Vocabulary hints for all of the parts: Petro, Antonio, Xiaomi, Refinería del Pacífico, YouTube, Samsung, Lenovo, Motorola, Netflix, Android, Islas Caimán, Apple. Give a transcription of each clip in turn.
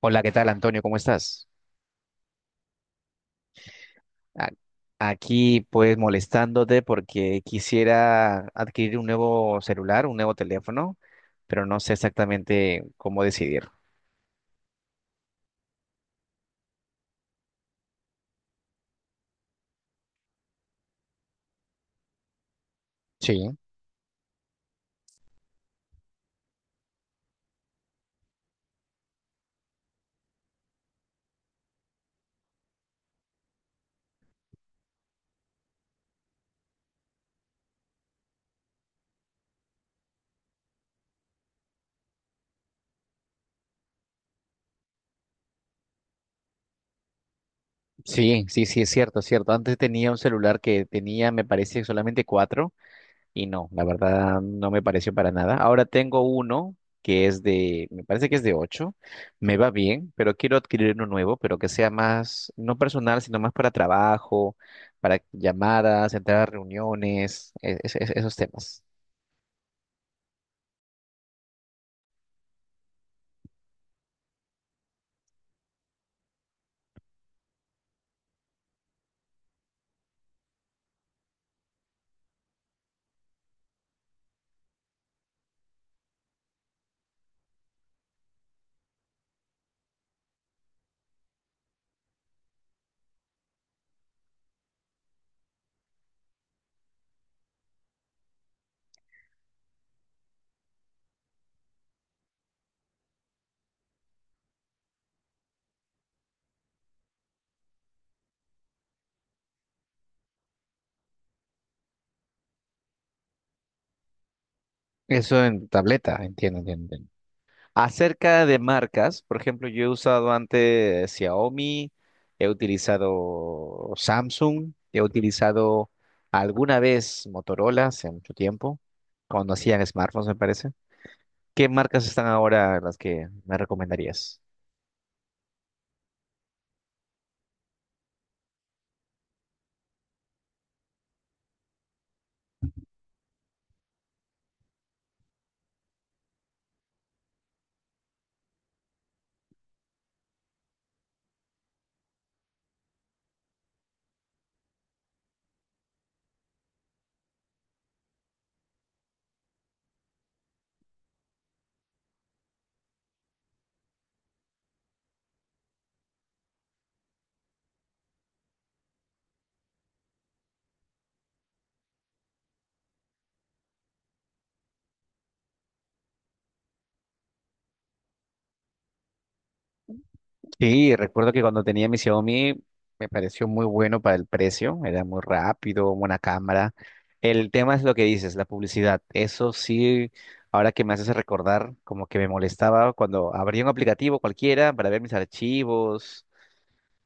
Hola, ¿qué tal, Antonio? ¿Cómo estás? A- Aquí, pues, molestándote porque quisiera adquirir un nuevo celular, un nuevo teléfono, pero no sé exactamente cómo decidir. Sí, sí, sí, sí, es cierto, es cierto. Antes tenía un celular que tenía, me parece, solamente cuatro. Y no, la verdad no me pareció para nada. Ahora tengo uno que es de, me parece que es de 8, me va bien, pero quiero adquirir uno nuevo, pero que sea más, no personal, sino más para trabajo, para llamadas, entrar a reuniones, esos temas. Eso en tableta, entiendo, entiendo, entiendo. Acerca de marcas, por ejemplo, yo he usado antes Xiaomi, he utilizado Samsung, he utilizado alguna vez Motorola hace mucho tiempo, cuando hacían smartphones, me parece. ¿Qué marcas están ahora las que me recomendarías? Sí, recuerdo que cuando tenía mi Xiaomi me pareció muy bueno para el precio, era muy rápido, buena cámara. El tema es lo que dices, la publicidad. Eso sí, ahora que me haces recordar, como que me molestaba cuando abría un aplicativo cualquiera para ver mis archivos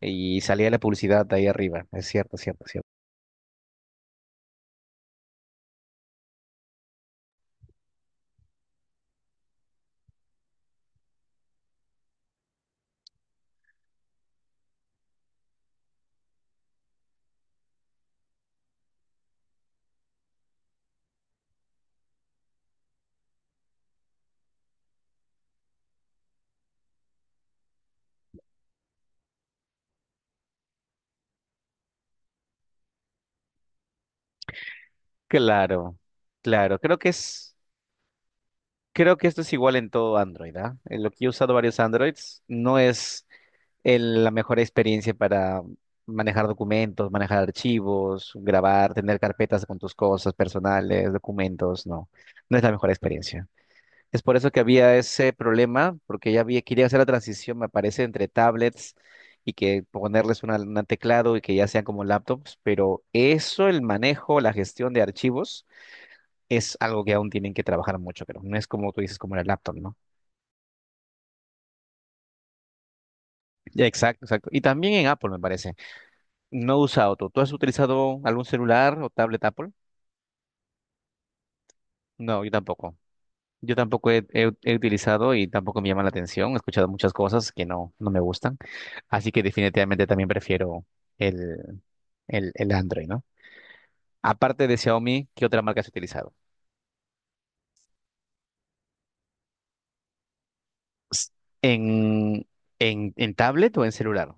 y salía la publicidad de ahí arriba. Es cierto, cierto, cierto. Claro, claro. Creo que esto es igual en todo Android, ¿ah? En lo que yo he usado varios Androids, no es la mejor experiencia para manejar documentos, manejar archivos, grabar, tener carpetas con tus cosas personales, documentos, no, no es la mejor experiencia. Es por eso que había ese problema, porque ya había, quería hacer la transición, me parece, entre tablets y que ponerles una, un teclado y que ya sean como laptops, pero eso, el manejo, la gestión de archivos. Es algo que aún tienen que trabajar mucho, pero no es como tú dices, como en el laptop, ¿no? Exacto, exacto. Y también en Apple, me parece. No he usado tú. ¿Tú has utilizado algún celular o tablet Apple? No, yo tampoco. Yo tampoco he utilizado y tampoco me llama la atención. He escuchado muchas cosas que no, no me gustan. Así que definitivamente también prefiero el, el Android, ¿no? Aparte de Xiaomi, ¿qué otra marca has utilizado? S- ¿En, en tablet o en celular?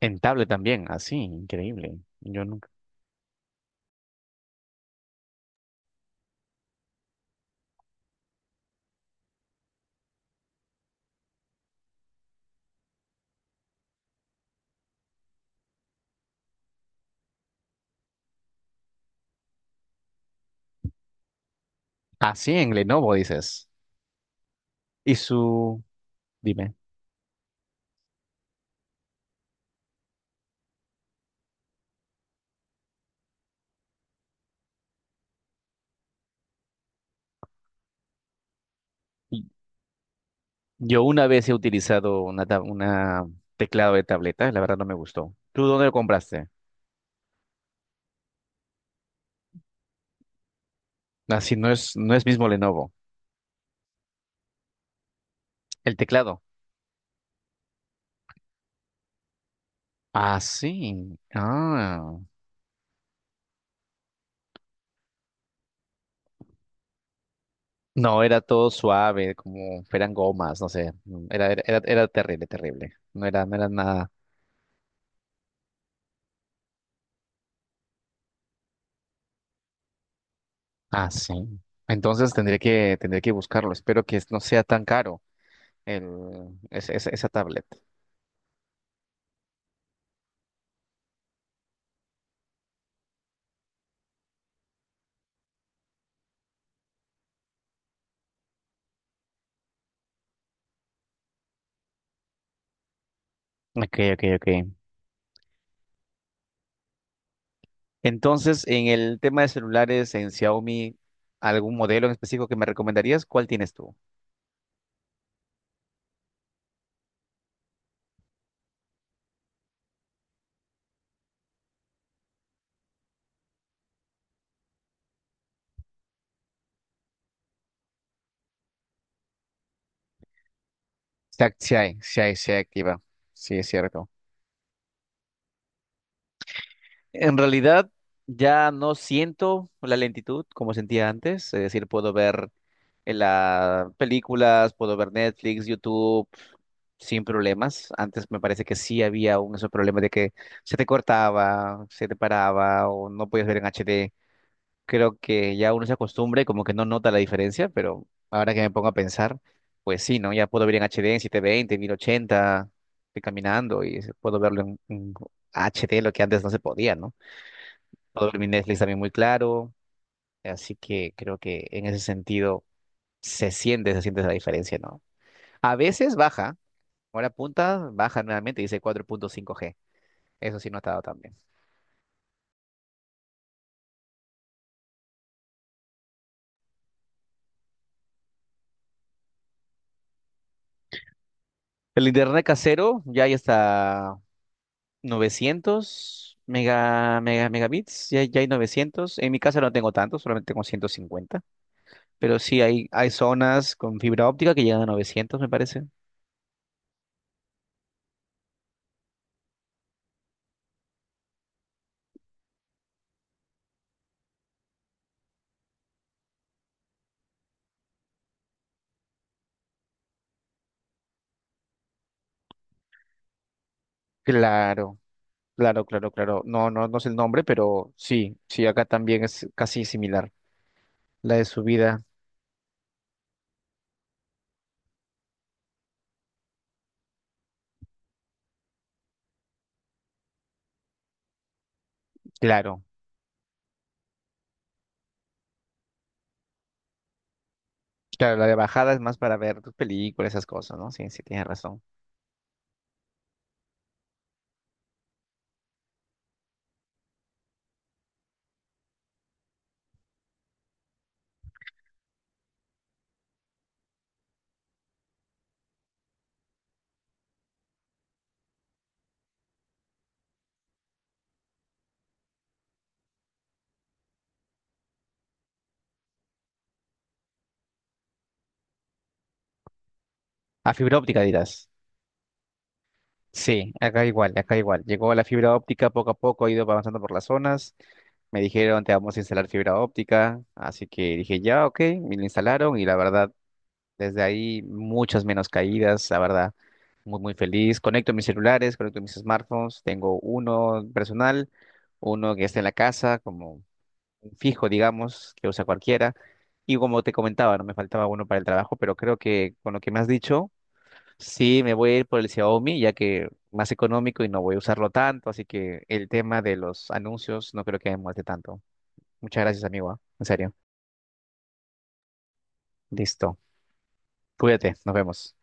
En tablet también. Así, increíble. Yo nunca. Así en Lenovo dices. Y su. Dime. Yo una vez he utilizado una teclado de tableta, la verdad no me gustó. ¿Tú dónde lo compraste? Así no es, no es mismo Lenovo. El teclado. Ah, sí. Ah. No, era todo suave, como eran gomas, no sé. Era, era, era, era terrible, terrible. No era, no era nada. Ah, sí. Entonces tendré que buscarlo. Espero que no sea tan caro esa tablet. Ok, ok, ok. Entonces, en el tema de celulares en Xiaomi, ¿algún modelo en específico que me recomendarías? ¿Cuál tienes tú? Se activa. Sí, es cierto. En realidad, ya no siento la lentitud como sentía antes. Es decir, puedo ver en las películas, puedo ver Netflix, YouTube, sin problemas. Antes me parece que sí había un ese problema de que se te cortaba, se te paraba o no podías ver en HD. Creo que ya uno se acostumbra y como que no nota la diferencia, pero ahora que me pongo a pensar, pues sí, ¿no? Ya puedo ver en H D en 720, 1080, estoy caminando y puedo verlo en H D lo que antes no se podía, ¿no? Puedo ver mi Netflix también muy claro, así que creo que en ese sentido se siente la diferencia, ¿no? A veces baja, ahora punta, baja nuevamente, dice 4.5G. Eso sí, notado también. El internet casero, ya hay hasta 900 megabits, ya, ya hay 900. En mi casa no tengo tanto, solamente tengo 150, pero sí hay zonas con fibra óptica que llegan a 900, me parece. Claro, claro, claro, claro. No, no, no sé el nombre, pero sí, sí, acá también es casi similar. La de subida, claro. Claro, la de bajada es más para ver tus películas, esas cosas, ¿no? Sí, sí, tienes razón. A fibra óptica dirás. Sí, acá igual, acá igual. Llegó la fibra óptica poco a poco, ha ido avanzando por las zonas. Me dijeron, te vamos a instalar fibra óptica, así que dije, ya, ok, me la instalaron y la verdad, desde ahí muchas menos caídas, la verdad, muy, muy feliz. Conecto mis celulares, conecto mis smartphones, tengo uno personal, uno que está en la casa, como un fijo, digamos, que usa cualquiera. Y como te comentaba, no me faltaba uno para el trabajo, pero creo que con lo que me has dicho, sí, me voy a ir por el Xiaomi, ya que más económico y no voy a usarlo tanto, así que el tema de los anuncios no creo que me muestre tanto. Muchas gracias, amigo, ¿ah? En serio. Listo. Cuídate. Nos vemos.